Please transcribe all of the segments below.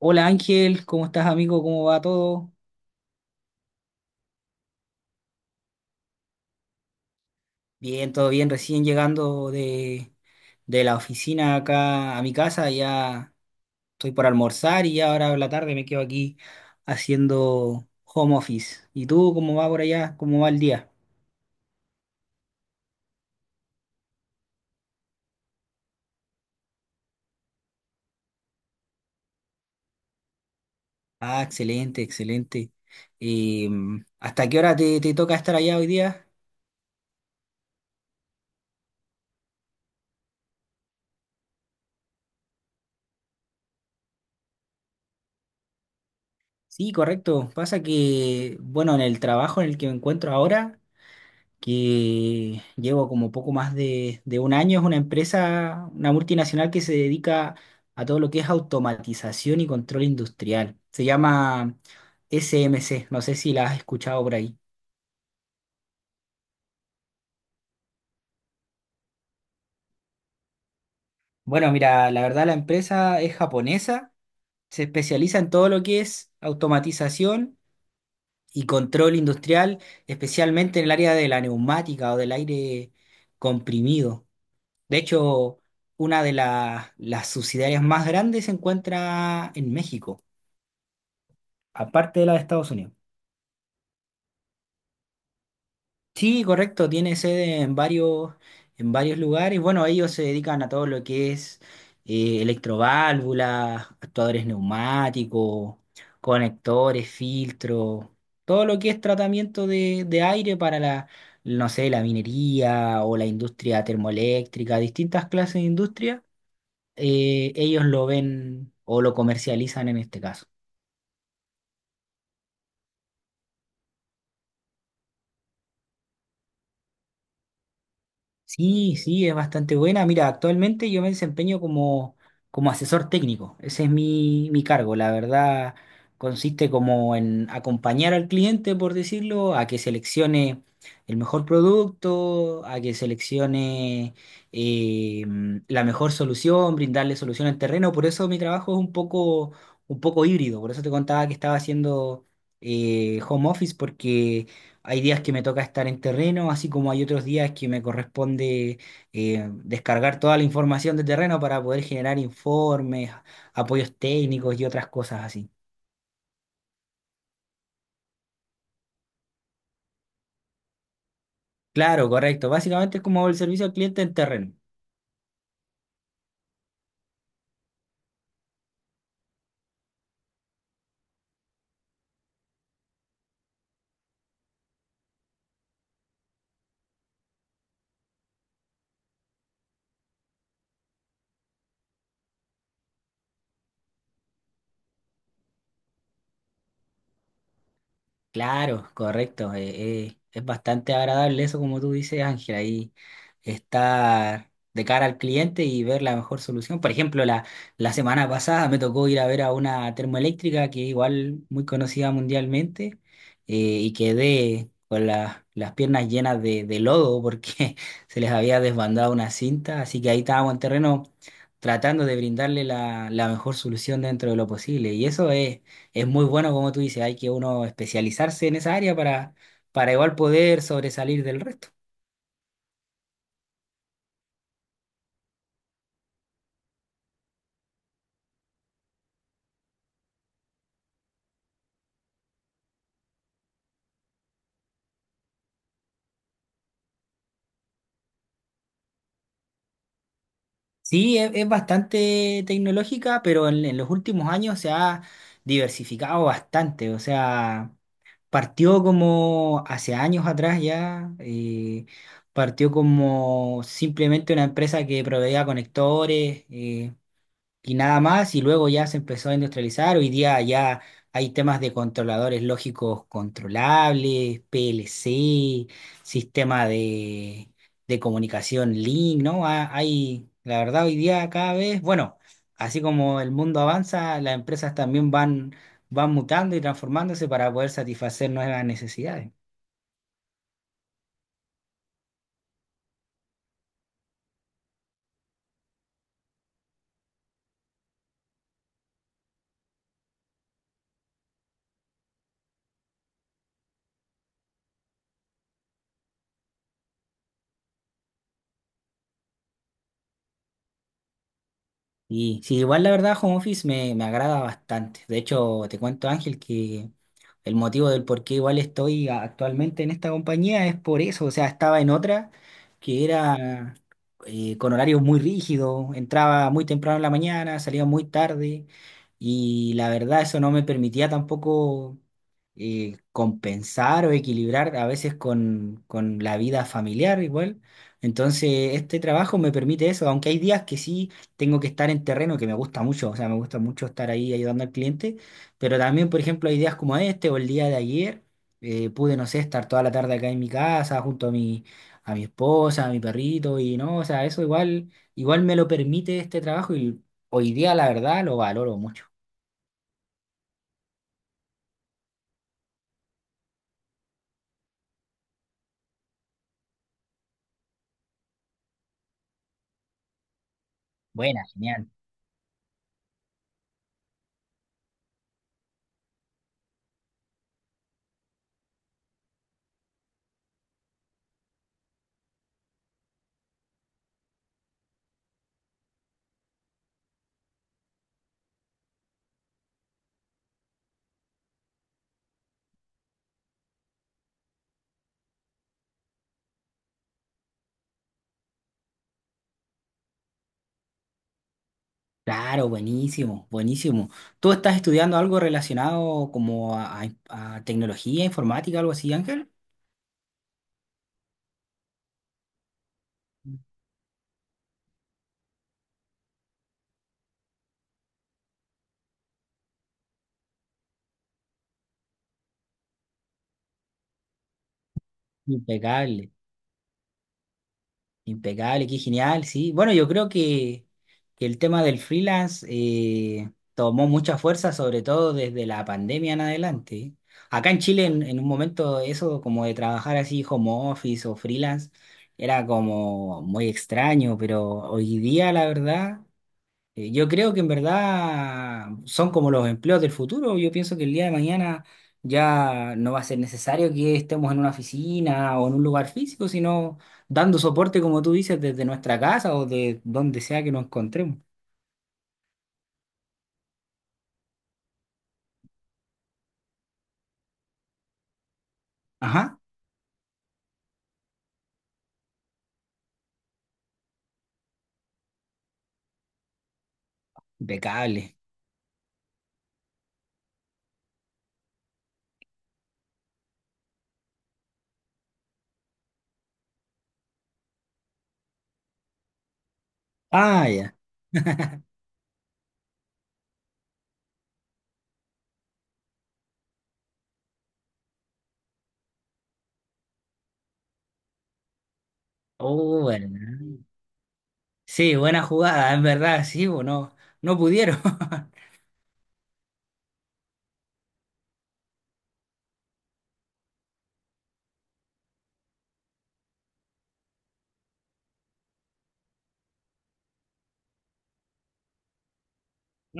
Hola Ángel, ¿cómo estás amigo? ¿Cómo va todo? Bien, todo bien, recién llegando de la oficina acá a mi casa, ya estoy por almorzar y ya ahora en la tarde me quedo aquí haciendo home office. ¿Y tú cómo va por allá? ¿Cómo va el día? Ah, excelente, excelente. Eh, ¿Hasta qué hora te toca estar allá hoy día? Sí, correcto. Pasa que, bueno, en el trabajo en el que me encuentro ahora, que llevo como poco más de un año. Es una empresa, una multinacional que se dedica a todo lo que es automatización y control industrial. Se llama SMC, no sé si la has escuchado por ahí. Bueno, mira, la verdad la empresa es japonesa, se especializa en todo lo que es automatización y control industrial, especialmente en el área de la neumática o del aire comprimido. De hecho, una las subsidiarias más grandes se encuentra en México, aparte de la de Estados Unidos. Sí, correcto, tiene sede en en varios lugares. Bueno, ellos se dedican a todo lo que es electroválvulas, actuadores neumáticos, conectores, filtros, todo lo que es tratamiento de aire para no sé, la minería o la industria termoeléctrica, distintas clases de industria, ellos lo ven o lo comercializan en este caso. Sí, sí, es bastante buena. Mira, actualmente yo me desempeño como asesor técnico. Ese es mi cargo. La verdad, consiste como en acompañar al cliente, por decirlo, a que seleccione el mejor producto, a que seleccione, eh, la mejor solución, brindarle solución al terreno. Por eso mi trabajo es un poco híbrido. Por eso te contaba que estaba haciendo home office, porque hay días que me toca estar en terreno, así como hay otros días que me corresponde descargar toda la información de terreno para poder generar informes, apoyos técnicos y otras cosas así. Claro, correcto. Básicamente es como el servicio al cliente en terreno. Claro, correcto. Es bastante agradable eso, como tú dices, Ángel, ahí estar de cara al cliente y ver la mejor solución. Por ejemplo, la semana pasada me tocó ir a ver a una termoeléctrica que igual muy conocida mundialmente, y quedé con las piernas llenas de lodo porque se les había desbandado una cinta, así que ahí estábamos en terreno tratando de brindarle la mejor solución dentro de lo posible. Y eso es muy bueno, como tú dices, hay que uno especializarse en esa área para igual poder sobresalir del resto. Sí, es bastante tecnológica, pero en los últimos años se ha diversificado bastante. O sea, partió como hace años atrás ya, partió como simplemente una empresa que proveía conectores. Y nada más, y luego ya se empezó a industrializar. Hoy día ya hay temas de controladores lógicos controlables, PLC, sistema de comunicación link, ¿no? Hay, la verdad, hoy día cada vez, bueno, así como el mundo avanza, las empresas también van, van mutando y transformándose para poder satisfacer nuevas necesidades. Y sí, igual la verdad, home office me agrada bastante. De hecho, te cuento, Ángel, que el motivo del por qué igual estoy actualmente en esta compañía es por eso. O sea, estaba en otra que era, con horarios muy rígidos, entraba muy temprano en la mañana, salía muy tarde y la verdad eso no me permitía tampoco, compensar o equilibrar a veces con la vida familiar igual. Entonces, este trabajo me permite eso, aunque hay días que sí tengo que estar en terreno, que me gusta mucho, o sea, me gusta mucho estar ahí ayudando al cliente, pero también, por ejemplo, hay días como este o el día de ayer, pude, no sé, estar toda la tarde acá en mi casa junto a mi esposa, a mi perrito, y no, o sea, eso igual, igual me lo permite este trabajo y hoy día la verdad lo valoro mucho. Buena, genial. Claro, buenísimo, buenísimo. ¿Tú estás estudiando algo relacionado como a, a tecnología informática, algo así, Ángel? Impecable. Impecable, qué genial, sí. Bueno, yo creo que el tema del freelance, tomó mucha fuerza, sobre todo desde la pandemia en adelante. Acá en Chile, en un momento, eso como de trabajar así home office o freelance, era como muy extraño, pero hoy día, la verdad. Yo creo que en verdad son como los empleos del futuro. Yo pienso que el día de mañana ya no va a ser necesario que estemos en una oficina o en un lugar físico, sino dando soporte, como tú dices, desde nuestra casa o de donde sea que nos encontremos. Ajá, impecable. Ah, ya. Oh, bueno. Sí, buena jugada, en verdad, sí, bueno, no pudieron.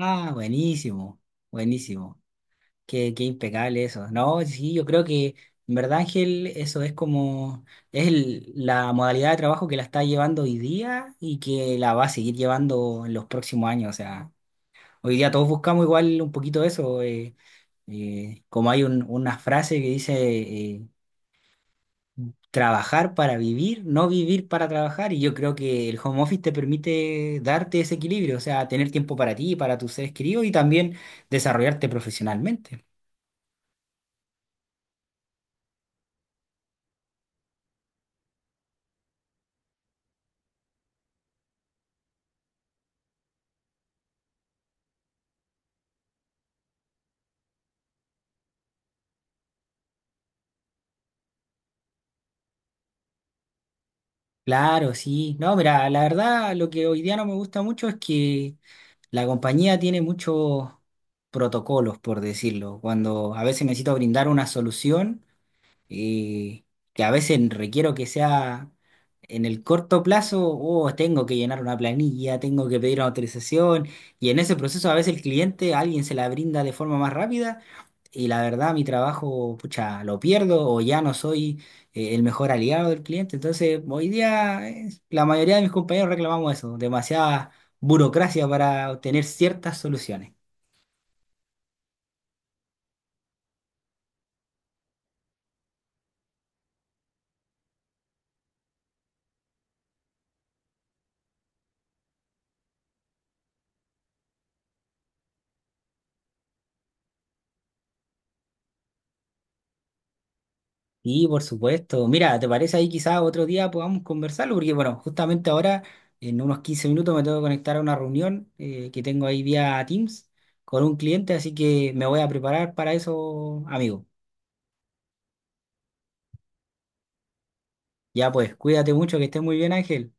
Ah, buenísimo, buenísimo. Qué, qué impecable eso. No, sí, yo creo que en verdad, Ángel, eso es como, es la modalidad de trabajo que la está llevando hoy día y que la va a seguir llevando en los próximos años. O sea, hoy día todos buscamos igual un poquito eso. Como hay una frase que dice, eh, trabajar para vivir, no vivir para trabajar. Y yo creo que el home office te permite darte ese equilibrio, o sea, tener tiempo para ti, para tus seres queridos y también desarrollarte profesionalmente. Claro, sí. No, mira, la verdad lo que hoy día no me gusta mucho es que la compañía tiene muchos protocolos, por decirlo. Cuando a veces necesito brindar una solución, eh, que a veces requiero que sea en el corto plazo, o tengo que llenar una planilla, tengo que pedir una autorización, y en ese proceso a veces el cliente, alguien se la brinda de forma más rápida. Y la verdad, mi trabajo, pucha, lo pierdo o ya no soy, el mejor aliado del cliente. Entonces, hoy día, la mayoría de mis compañeros reclamamos eso, demasiada burocracia para obtener ciertas soluciones. Y por supuesto, mira, ¿te parece ahí quizás otro día podamos conversarlo? Porque bueno, justamente ahora, en unos 15 minutos, me tengo que conectar a una reunión, que tengo ahí vía Teams con un cliente, así que me voy a preparar para eso, amigo. Ya pues, cuídate mucho, que estés muy bien, Ángel.